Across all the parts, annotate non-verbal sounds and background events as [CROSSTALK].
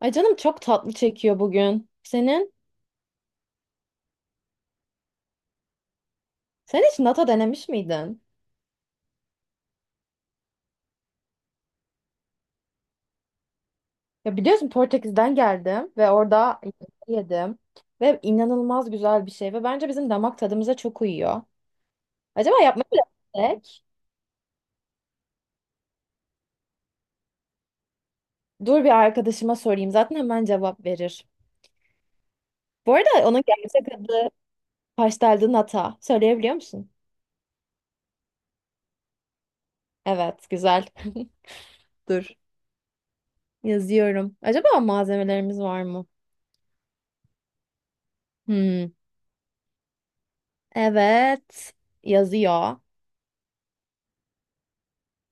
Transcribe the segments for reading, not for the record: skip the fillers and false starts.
Ay canım çok tatlı çekiyor bugün. Senin? Sen hiç nata denemiş miydin? Ya biliyorsun Portekiz'den geldim ve orada yedim. Ve inanılmaz güzel bir şey ve bence bizim damak tadımıza çok uyuyor. Acaba yapmayı mı denesek? Dur bir arkadaşıma sorayım. Zaten hemen cevap verir. Bu arada onun gerçek adı pasteldi nata. Söyleyebiliyor musun? Evet, güzel. [LAUGHS] Dur. Yazıyorum. Acaba malzemelerimiz var mı? Hmm. Evet. Yazıyor.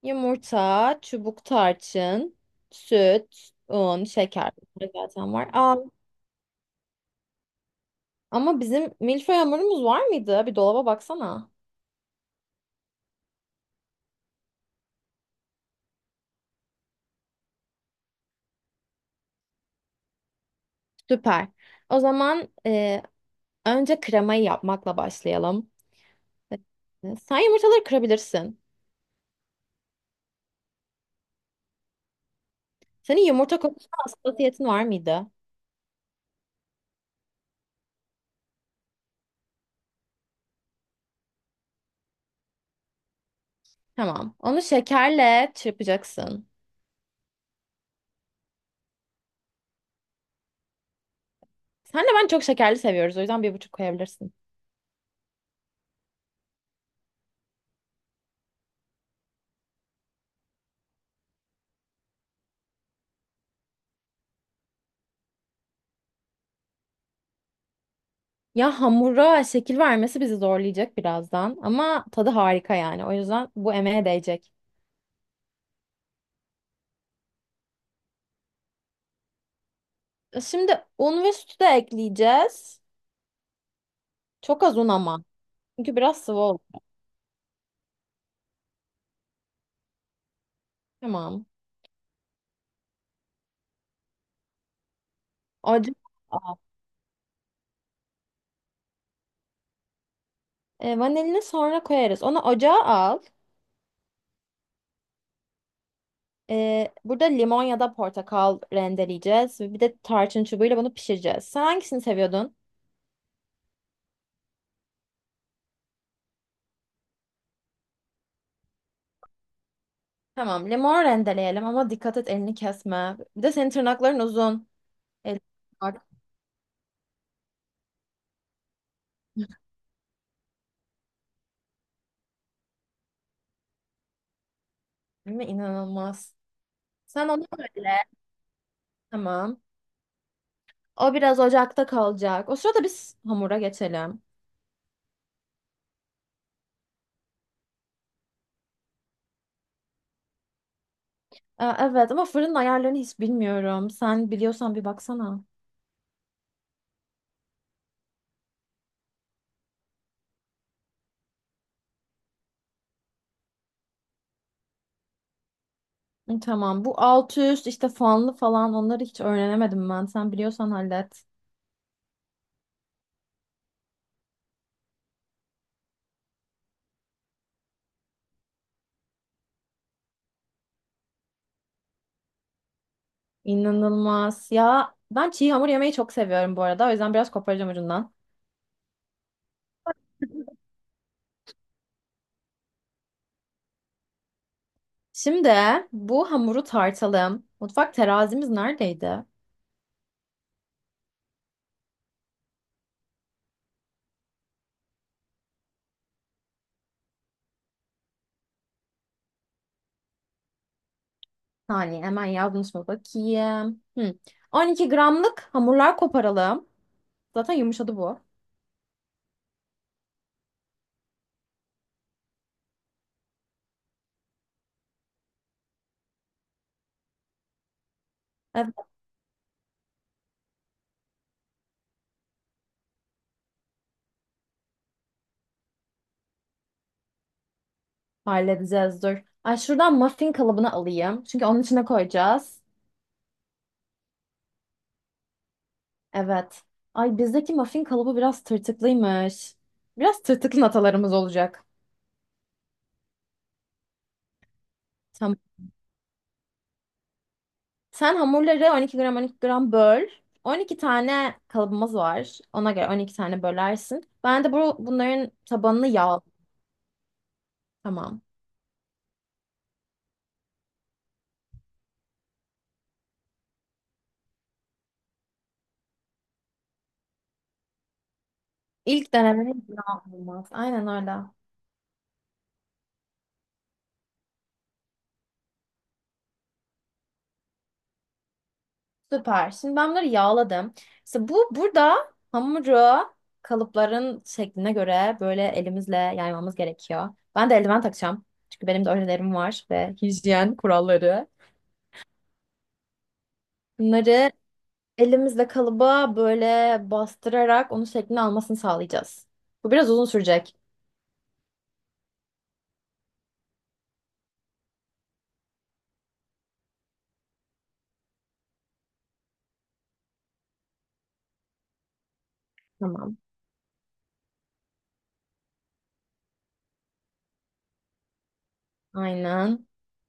Yumurta, çubuk tarçın, süt, un, şeker. Bunlar zaten var. Aa, ama bizim milföy hamurumuz var mıydı? Bir dolaba baksana. Süper. O zaman önce kremayı yapmakla başlayalım. E, sen yumurtaları kırabilirsin. Senin yumurta konusunda hassasiyetin var mıydı? Tamam. Onu şekerle çırpacaksın. Senle ben çok şekerli seviyoruz. O yüzden 1,5 koyabilirsin. Ya hamura şekil vermesi bizi zorlayacak birazdan ama tadı harika yani. O yüzden bu emeğe değecek. E, şimdi un ve sütü de ekleyeceğiz. Çok az un ama. Çünkü biraz sıvı oldu. Tamam. Ocağa al. E, vanilini sonra koyarız. Onu ocağa al. E, burada limon ya da portakal rendeleyeceğiz. Ve bir de tarçın çubuğuyla bunu pişireceğiz. Sen hangisini seviyordun? Tamam, limon rendeleyelim ama dikkat et elini kesme. Bir de senin tırnakların uzun. El bak, değil mi? İnanılmaz. Sen onu öyle. Tamam. O biraz ocakta kalacak. O sırada biz hamura geçelim. Evet ama fırının ayarlarını hiç bilmiyorum. Sen biliyorsan bir baksana. Hı, tamam. Bu alt üst işte fanlı falan onları hiç öğrenemedim ben. Sen biliyorsan hallet. İnanılmaz. Ya ben çiğ hamur yemeyi çok seviyorum bu arada. O yüzden biraz koparacağım ucundan. Şimdi bu hamuru tartalım. Mutfak terazimiz neredeydi? Hani hemen yazmış mı bakayım. Hı. 12 gramlık hamurlar koparalım. Zaten yumuşadı bu. Halledeceğiz dur. Ay şuradan muffin kalıbını alayım. Çünkü onun içine koyacağız. Evet. Ay bizdeki muffin kalıbı biraz tırtıklıymış. Biraz tırtıklı natalarımız olacak. Tamam. Sen hamurları 12 gram 12 gram böl. 12 tane kalıbımız var. Ona göre 12 tane bölersin. Ben de bu bunların tabanını yağ. Tamam. İlk denemenin yağ olmaz. Aynen öyle. Süper. Şimdi ben bunları yağladım. İşte bu burada hamuru kalıpların şekline göre böyle elimizle yaymamız gerekiyor. Ben de eldiven takacağım. Çünkü benim de öğrelerim var ve hijyen kuralları. Bunları elimizle kalıba böyle bastırarak onun şeklini almasını sağlayacağız. Bu biraz uzun sürecek. Tamam. Aynen.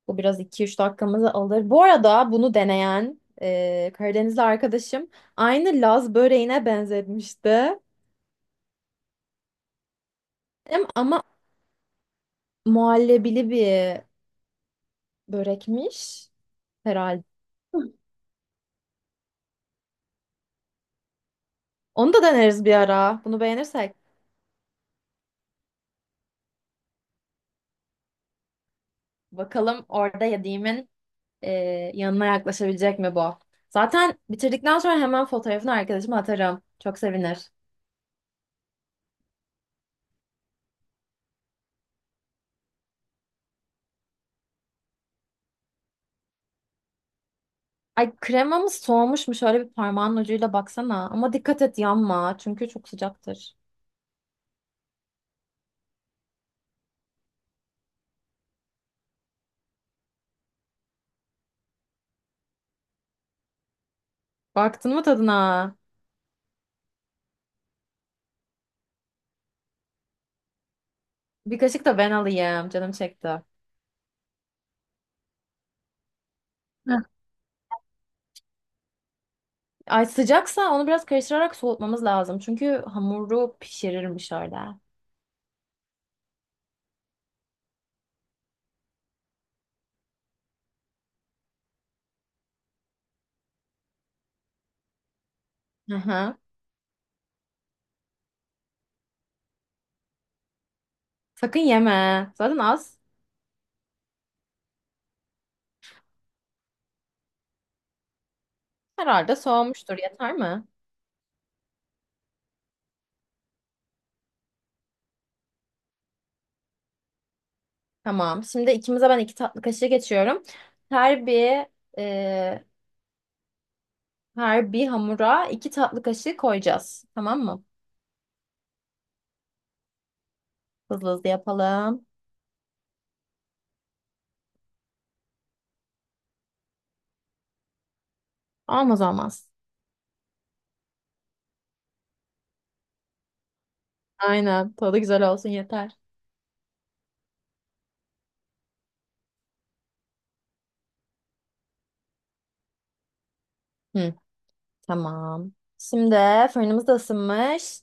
Bu biraz 2-3 dakikamızı alır. Bu arada bunu deneyen Karadenizli arkadaşım aynı Laz böreğine benzetmişti. Ama muhallebili bir börekmiş herhalde. Onu da deneriz bir ara. Bunu beğenirsek. Bakalım orada yediğimin e, yanına yaklaşabilecek mi bu? Zaten bitirdikten sonra hemen fotoğrafını arkadaşıma atarım. Çok sevinir. Ay kremamız soğumuş mu? Şöyle bir parmağın ucuyla baksana. Ama dikkat et yanma. Çünkü çok sıcaktır. Baktın mı tadına? Bir kaşık da ben alayım. Canım çekti. Heh. Ay sıcaksa onu biraz karıştırarak soğutmamız lazım. Çünkü hamuru pişirirmiş öyle. Hı hı. Sakın yeme. Zaten az. Herhalde soğumuştur. Yeter mi? Tamam. Şimdi ikimize ben 2 tatlı kaşığı geçiyorum. Her bir e, hamura 2 tatlı kaşığı koyacağız. Tamam mı? Hızlı hızlı yapalım. Olmaz olmaz. Aynen. Tadı güzel olsun yeter. Hı, tamam. Şimdi fırınımız da ısınmış.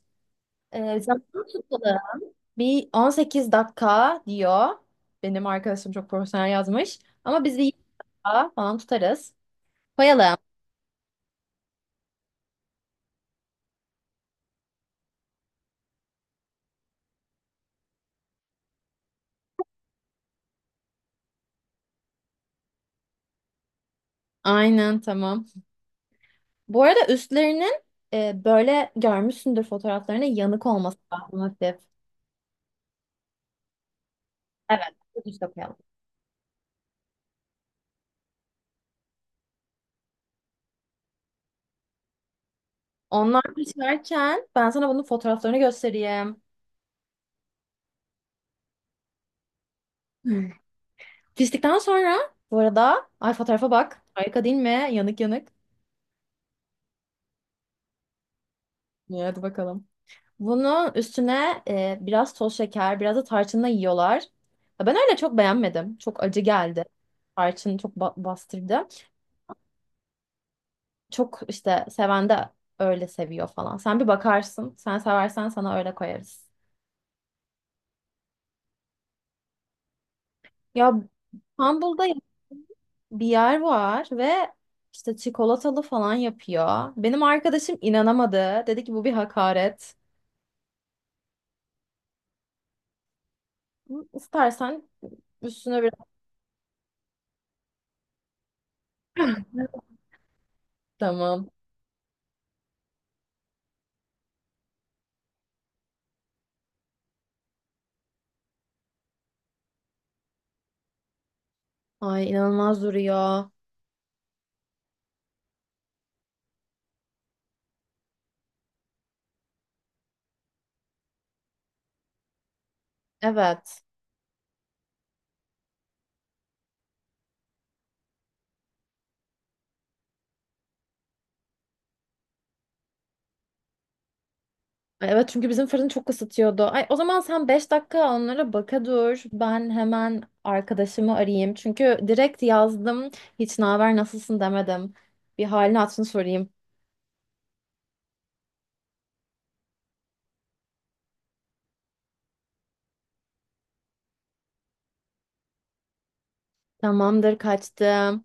E, zaman tutmadı. Bir 18 dakika diyor. Benim arkadaşım çok profesyonel yazmış. Ama biz bir 20 dakika falan tutarız. Koyalım. Aynen tamam. Bu arada üstlerinin böyle görmüşsündür fotoğraflarını yanık olması lazım hafif. Evet. Üste koyalım. Onlar pişerken ben sana bunun fotoğraflarını göstereyim. [LAUGHS] Hmm. Piştikten sonra bu arada ay fotoğrafa bak. Harika değil mi? Yanık yanık. Evet hadi bakalım. Bunun üstüne biraz toz şeker, biraz da tarçınla yiyorlar. Ya ben öyle çok beğenmedim. Çok acı geldi. Tarçın çok bastırdı. Çok işte seven de öyle seviyor falan. Sen bir bakarsın. Sen seversen sana öyle koyarız. Ya İstanbul'da bir yer var ve işte çikolatalı falan yapıyor. Benim arkadaşım inanamadı. Dedi ki bu bir hakaret. İstersen üstüne biraz... [LAUGHS] Tamam. Ay inanılmaz duruyor. Evet. Ay evet çünkü bizim fırın çok ısıtıyordu. Ay, o zaman sen 5 dakika onlara baka dur. Ben hemen arkadaşımı arayayım. Çünkü direkt yazdım. Hiç naber nasılsın demedim. Bir halini hatırını sorayım. Tamamdır kaçtım.